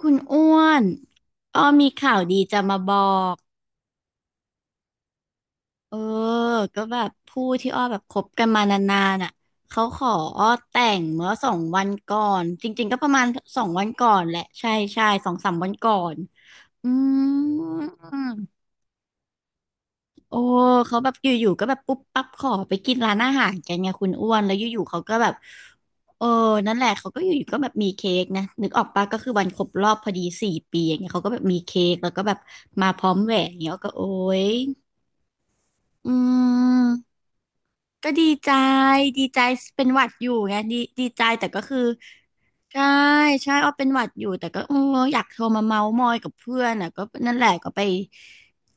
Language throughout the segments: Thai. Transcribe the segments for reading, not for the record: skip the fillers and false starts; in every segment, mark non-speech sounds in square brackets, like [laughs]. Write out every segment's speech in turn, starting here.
คุณอ้วนอ้อมีข่าวดีจะมาบอก เออ ก็แบบผู้ที่อ้อแบบคบกันมานานๆอ่ะ เขาขออ้อแต่งเมื่อสองวันก่อน จริงๆก็ประมาณสองวันก่อนแหละ ใช่ใช่สองสามวันก่อน อืม โอ้ เขาแบบอยู่ๆก็แบบปุ๊บปั๊บขอไปกินร้านอาหารกันไงคุณอ้วนแล้วอยู่ๆเขาก็แบบเออนั่นแหละเขาก็อยู่ๆก็แบบมีเค้กนะนึกออกปะก็คือวันครบรอบพอดี4 ปีอย่างเงี้ยเขาก็แบบมีเค้กแล้วก็แบบมาพร้อมแหวนเงี้ยก็โอ๊ยอืม ก็ดีใจดีใจเป็นหวัดอยู่ไงดีใจแต่ก็คือใช่ใช่อ้อเป็นหวัดอยู่แต่ก็เอออยากโทรมาเมาท์มอยกับเพื่อนอ่ะก็นั่นแหละก็ไป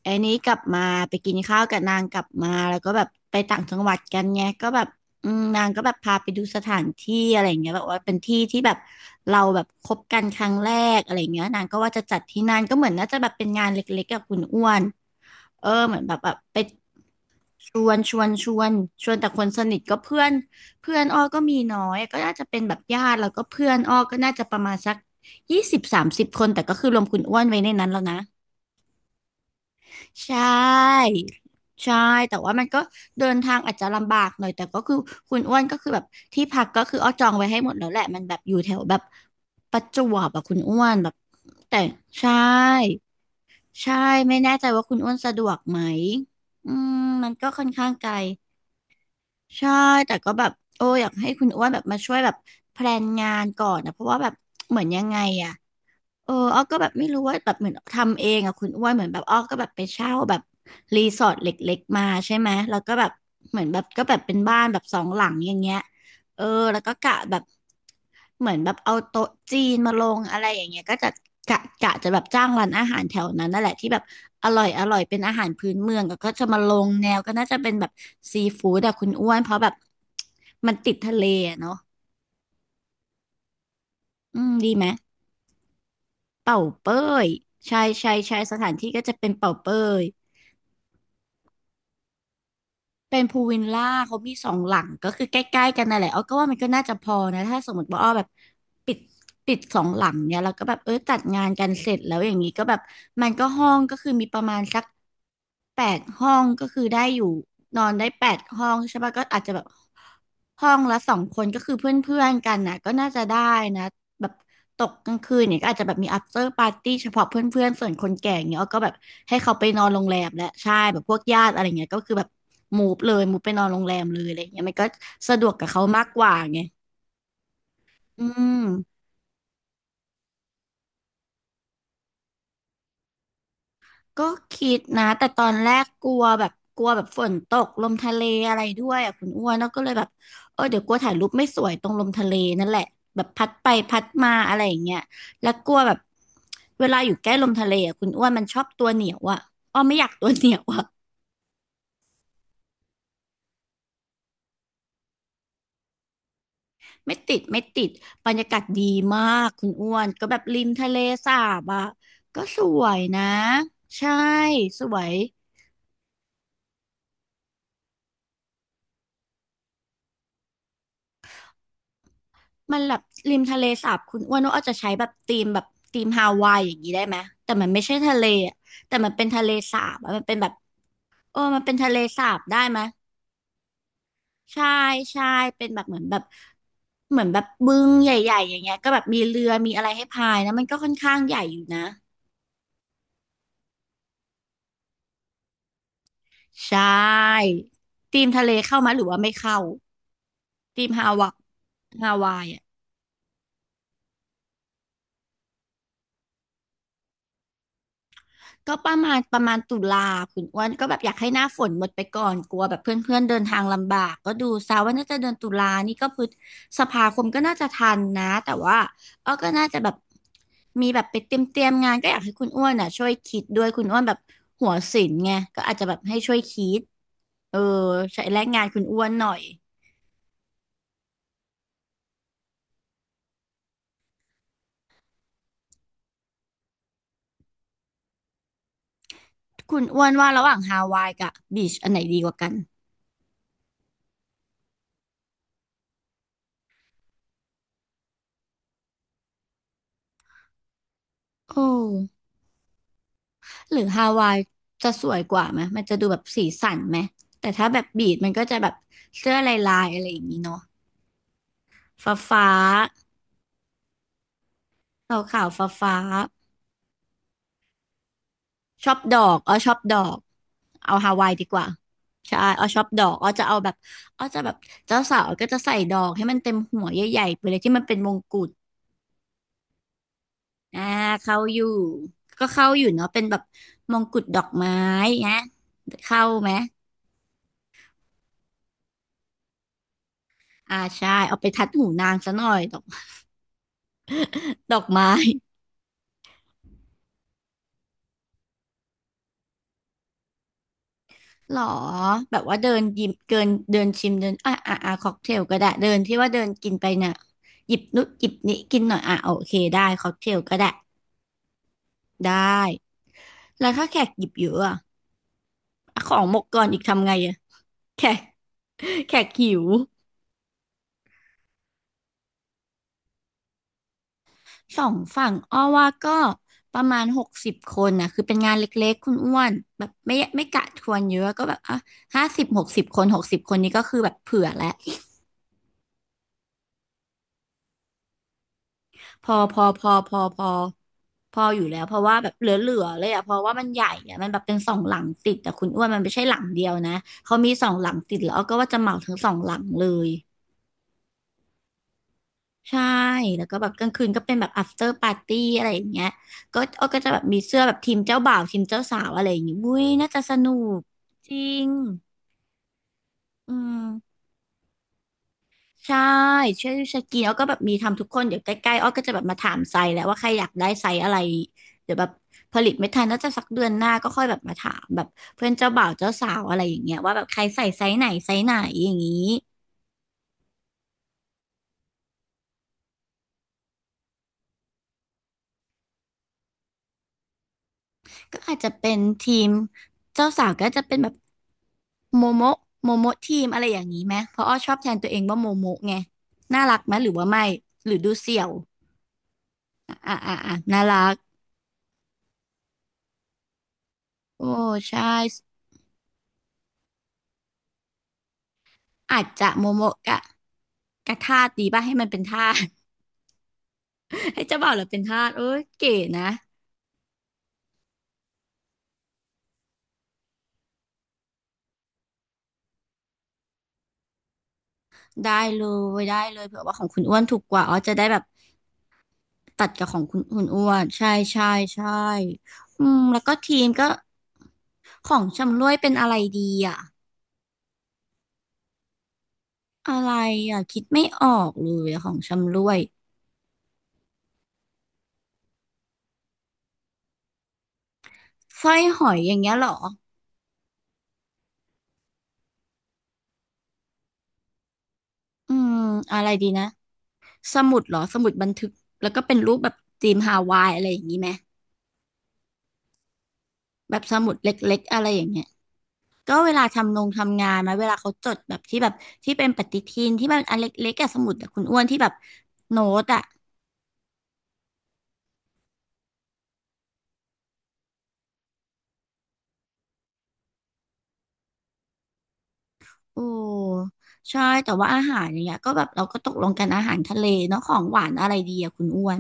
ไอ้นี้กลับมาไปกินข้าวกับนางกลับมาแล้วก็แบบไปต่างจังหวัดกันไงก็แบบอืมนางก็แบบพาไปดูสถานที่อะไรอย่างเงี้ยแบบว่าเป็นที่ที่แบบเราแบบคบกันครั้งแรกอะไรอย่างเงี้ยนางก็ว่าจะจัดที่นั่นก็เหมือนน่าจะแบบเป็นงานเล็กๆกับคุณอ้วนเออเหมือนแบบแบบไป ชวนชวนชวนชวนแต่คนสนิทก็เพื่อนเพื่อนอ้อก็มีน้อยก็น่าจะเป็นแบบญาติแล้วก็เพื่อนอ้อก็น่าจะประมาณสัก20 30 คนแต่ก็คือรวมคุณอ้วนไว้ในนั้นแล้วนะใช่ใช่แต่ว่ามันก็เดินทางอาจจะลำบากหน่อยแต่ก็คือคุณอ้วนก็คือแบบที่พักก็คืออ้อจองไว้ให้หมดแล้วแหละมันแบบอยู่แถวแบบประจวบอะคุณอ้วนแบบแต่ใช่ใช่ไม่แน่ใจว่าคุณอ้วนสะดวกไหมอืมมันก็ค่อนข้างไกล ใช่แต่ก็แบบโอ้อยากให้คุณอ้วนแบบมาช่วยแบบแพลนงานก่อนนะเพราะว่าแบบเหมือนยังไงอะ เอออ้อก็แบบไม่รู้ว่าแบบเหมือนทำเองอะคุณอ้วนเหมือนแบบอ้อก็แบบไปเช่าแบบรีสอร์ทเล็กๆมาใช่ไหมแล้วก็แบบเหมือนแบบก็แบบเป็นบ้านแบบสองหลังอย่างเงี้ยเออแล้วก็กะแบบเหมือนแบบเอาโต๊ะจีนมาลงอะไรอย่างเงี้ยก็จะกะจะแบบจ้างร้านอาหารแถวนั้นนั่นแหละที่แบบอร่อยอร่อยเป็นอาหารพื้นเมืองแล้วก็จะมาลงแนวก็น่าจะเป็นแบบซีฟู้ดอะคุณอ้วนเพราะแบบมันติดทะเลอะเนาะอืมดีไหม เป่าเป้ยใช่ใช่ใช่สถานที่ก็จะเป็นเป่าเป้ยเป็นพูลวิลล่าเขามีสองหลังก็คือใกล้ๆกันนั่นแหละอ้อก็ว่ามันก็น่าจะพอนะถ้าสมมติว่าอ้อแบบปิดปิดสองหลังเนี่ยแล้วก็แบบเออจัดงานกันเสร็จแล้วอย่างนี้ก็แบบมันก็ห้องก็คือมีประมาณสักแปดห้องก็คือได้อยู่นอนได้แปดห้องใช่ปะก็อาจจะแบบห้องละสองคนก็คือเพื่อนๆกันนะก็น่าจะได้นะแบบ ตกกลางคืนเนี่ยก็อาจจะแบบมี after party เฉพาะเพื่อนๆส่วนคนแก่อย่างเงี้ยอ้อก็แบบให้เขาไปนอนโรงแรมและใช่แบบพวกญาติอะไรเงี้ยก็คือแบบมูฟเลยมูฟไปนอนโรงแรมเลยอะไรเงี้ยมันก็สะดวกกับเขามากกว่าไงอืม ก็คิดนะแต่ตอนแรกกลัวแบบกลัวแบบฝนตกลมทะเลอะไรด้วยอ่ะคุณอ้วนแล้วก็เลยแบบเออเดี๋ยวกลัวถ่ายรูปไม่สวยตรงลมทะเลนั่นแหละแบบพัดไปพัดมาอะไรอย่างเงี้ยแล้วกลัวแบบเวลาอยู่ใกล้ลมทะเลอ่ะคุณอ้วนมันชอบตัวเหนียวอ่ะอ้อไม่อยากตัวเหนียวอ่ะไม่ติดไม่ติดบรรยากาศดีมากคุณอ้วนก็แบบริมทะเลสาบอ่ะก็สวยนะใช่สวย มันแบบริมทะเลสาบคุณอ้วนว่าอาจจะใช้แบบธีมแบบธีมฮาวายอย่างนี้ได้ไหมแต่มันไม่ใช่ทะเลอะแต่มันเป็นทะเลสาบอะมันเป็นแบบเออมันเป็นทะเลสาบได้ไหมใช่ใช่เป็นแบบเหมือนแบบเหมือนแบบบึงใหญ่ๆอย่างเงี้ยก็แบบมีเรือมีอะไรให้พายนะมันก็ค่อนข้างใหญ่อยู่นะใช่ธีมทะเลเข้ามาหรือว่าไม่เข้าธีมฮาวายอะ ก็ประมาณตุลาคุณอ้วนก็แบบอยากให้หน้าฝนหมดไปก่อนกลัวแบบเพื่อนๆเดินทางลำบากก็ดูซะว่าน่าจะเดือนตุลา นี่ก็พฤษภาคมก็น่าจะทันนะแต่ว่าก็น่าจะแบบมีแบบไปเตรียมงานก็อยากให้คุณอ้วนอ่ะช่วยคิดด้วยคุณอ้วนแบบหัวศิลป์ไงก็อาจจะแบบให้ช่วยคิดเออใช้แรงงานคุณอ้วนหน่อยคุณอ้วนว่าระหว่างฮาวายกับบีชอันไหนดีกว่ากันโอ้ หรือฮาวายจะสวยกว่าไหมมันจะดูแบบสีสันไหมแต่ถ้าแบบบีดมันก็จะแบบเสื้อลายอะไรอย่างนี้เนาะฟ้าฟ้าขาขาวฟ้าฟ้าๆชอบดอกอ้อชอบดอกเอาฮาวายดีกว่าใช่อ้อชอบดอกอ้อจะเอาแบบอ้อจะแบบเจ้าสาวก็จะใส่ดอกให้มันเต็มหัวใหญ่ๆไปเลยที่มันเป็นมงกุฎอ่าเข้าอยู่ก็เข้าอยู่เนาะเป็นแบบมงกุฎดอกไม้นะเข้าไหมอ่าใช่เอาไปทัดหูนางซะหน่อยดอกดอกไม้ หรอแบบว่าเดินหยิบเกินเดินชิมเดินอ่ะอ่ะอ่ะค็อกเทลก็ได้เดินที่ว่าเดินกินไปเนี่ยหยิบนุดหยิบนี้กินหน่อยอ่ะโอเคได้ค็อกเทลก็ได้ได้แล้วถ้าแขกหยิบเยอะอะอ่ะของหมกก่อนอีกทำไงอะแขก [laughs] แขกหิวสองฝั่งอ้อว่าก็ประมาณหกสิบคนนะคือเป็นงานเล็กๆคุณอ้วนแบบไม่กะทวนเยอะก็แบบอ่ะห้าสิบหกสิบคนหกสิบคนนี้ก็คือแบบเผื่อแล้ว พอพออยู่แล้วเพราะว่าแบบเหลือๆเลยอ่ะเพราะว่ามันใหญ่อ่ะมันแบบเป็นสองหลังติดแต่คุณอ้วนมันไม่ใช่หลังเดียวนะเขามีสองหลังติดแล้วก็ว่าจะเหมาทั้งสองหลังเลยใช่แล้วก็แบบกลางคืนก็เป็นแบบ after party อะไรอย่างเงี้ยก็อ้อก็จะแบบมีเสื้อแบบทีมเจ้าบ่าวทีมเจ้าสาวอะไรอย่างงี้อุ้ยน่าจะสนุกจริงอืม ใช่ช่วยสกรีนแล้วก็แบบมีทำทุกคนเดี๋ยวใกล้ๆอ้อก็จะแบบมาถามไซส์แล้วว่าใครอยากได้ไซส์อะไรเดี๋ยวแบบผลิตไม่ทันน่าจะสักเดือนหน้าก็ค่อยแบบมาถามแบบเพื่อนเจ้าบ่าวเจ้าสาวอะไรอย่างเงี้ยว่าแบบใครใส่ไซส์ไหนไซส์ไหนอย่างนี้ก็อาจจะเป็นทีมเจ้าสาวก็จะเป็นแบบโมโมะโมโมะทีมอะไรอย่างนี้ไหมเพราะอ้อชอบแทนตัวเองว่าโมโมะไงน่ารักไหมหรือว่าไม่หรือดูเสี่ยวอ่ะอ่ะอ่ะน่ารักโอ้ใช่อาจจะโมโมะกะกะท่าดีป่ะให้มันเป็นท่า ให้เจ้าบ่าวเหราเป็นทาสเอ้ยเก๋นะได้เลได้เลยเผื่อว่าของคุณอ้วนถูกกว่าอ๋อจะได้แบบตัดกับของคุณอ้วนใช่ใช่ใช่อืมแล้วก็ทีมก็ของชำร่วยเป็นอะไรดีอ่ะอะไรอ่ะคิดไม่ออกเลยอะของชำร่วยสร้อยหอยอย่างเงี้ยเหรออืมอะไรดีนะสมุดเหรอสมุดบันทึกแล้วก็เป็นรูปแบบธีมฮาวายอะไรอย่างนี้ไหมแบบสมุดเล็กๆอะไรอย่างเงี้ย ก็เวลาทำงานมาเวลาเขาจดแบบที่แบบที่เป็นปฏิทินที่มันอันเล็กๆอะสมุดอะคุณอ้วนที่แบบโน้ตอะโอ้ใช่แต่ว่าอาหารอย่างเงี้ยก็แบบเราก็ตกลงกันอาหารทะเลเนาะของหวานอะไรดีอะคุณอ้วน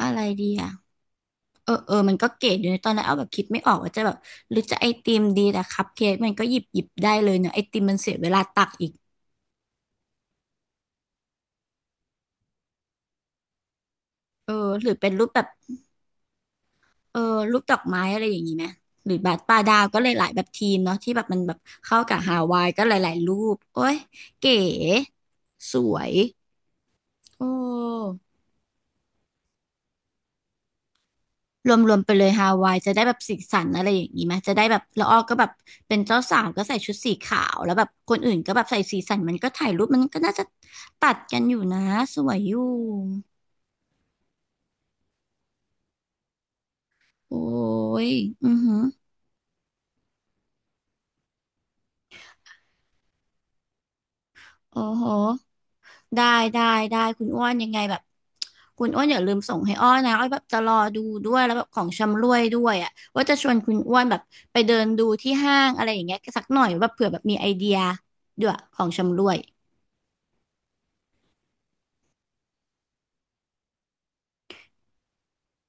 อะไรดีอะเออเออมันก็เก๋อยู่ในะตอนแรกเอาแบบคิดไม่ออกว่าจะแบบหรือจะไอติมดีแต่คัพเค้กมันก็หยิบได้เลยเนาะไอติมมันเสียเวลาตักอีกเออหรือเป็นรูปแบบ เออรูปดอกไม้อะไรอย่างนี้ไหมหรือแบาสปลาดาวก็หลายๆแบบทีมเนาะที่แบบมันแบบเข้ากับฮาวายก็หลายๆรูปโอ้ยเก๋สวยโอ้รวมๆไปเลยฮาวายจะได้แบบสีสันอะไรอย่างนี้ไหมจะได้แบบละอ้อก็แบบเป็นเจ้าสาวก็ใส่ชุดสีขาวแล้วแบบคนอื่นก็แบบใส่สีสันมันก็ถ่ายรูปมันก็น่าจะตัดกันอยู่นะสวยอยู่โอ้ยอือหือโอ้โห ได้ได้ได้คุณอ้วนยังไงแบบคุณอ้วนอย่าลืมส่งให้อ้อนะอ้อแบบจะรอดูด้วยแล้วแบบของชำร่วยด้วยอ่ะว่าจะชวนคุณอ้วนแบบไปเดินดูที่ห้างอะไรอย่างเงี้ยสักหน่อยแบบเผื่อแบบมีไอเดียด้วยของชำร่วย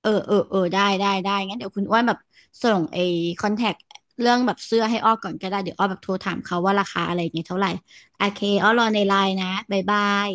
เออเออเออได้งั้นเดี๋ยวคุณอ้วนแบบส่งไอ้คอนแทคเรื่องแบบเสื้อให้อ้อก่อนก็ได้เดี๋ยวอ้อแบบโทรถามเขาว่าราคาอะไรอย่างเงี้ยเท่าไหร่โอเคอ้อรอในไลน์นะบ๊ายบาย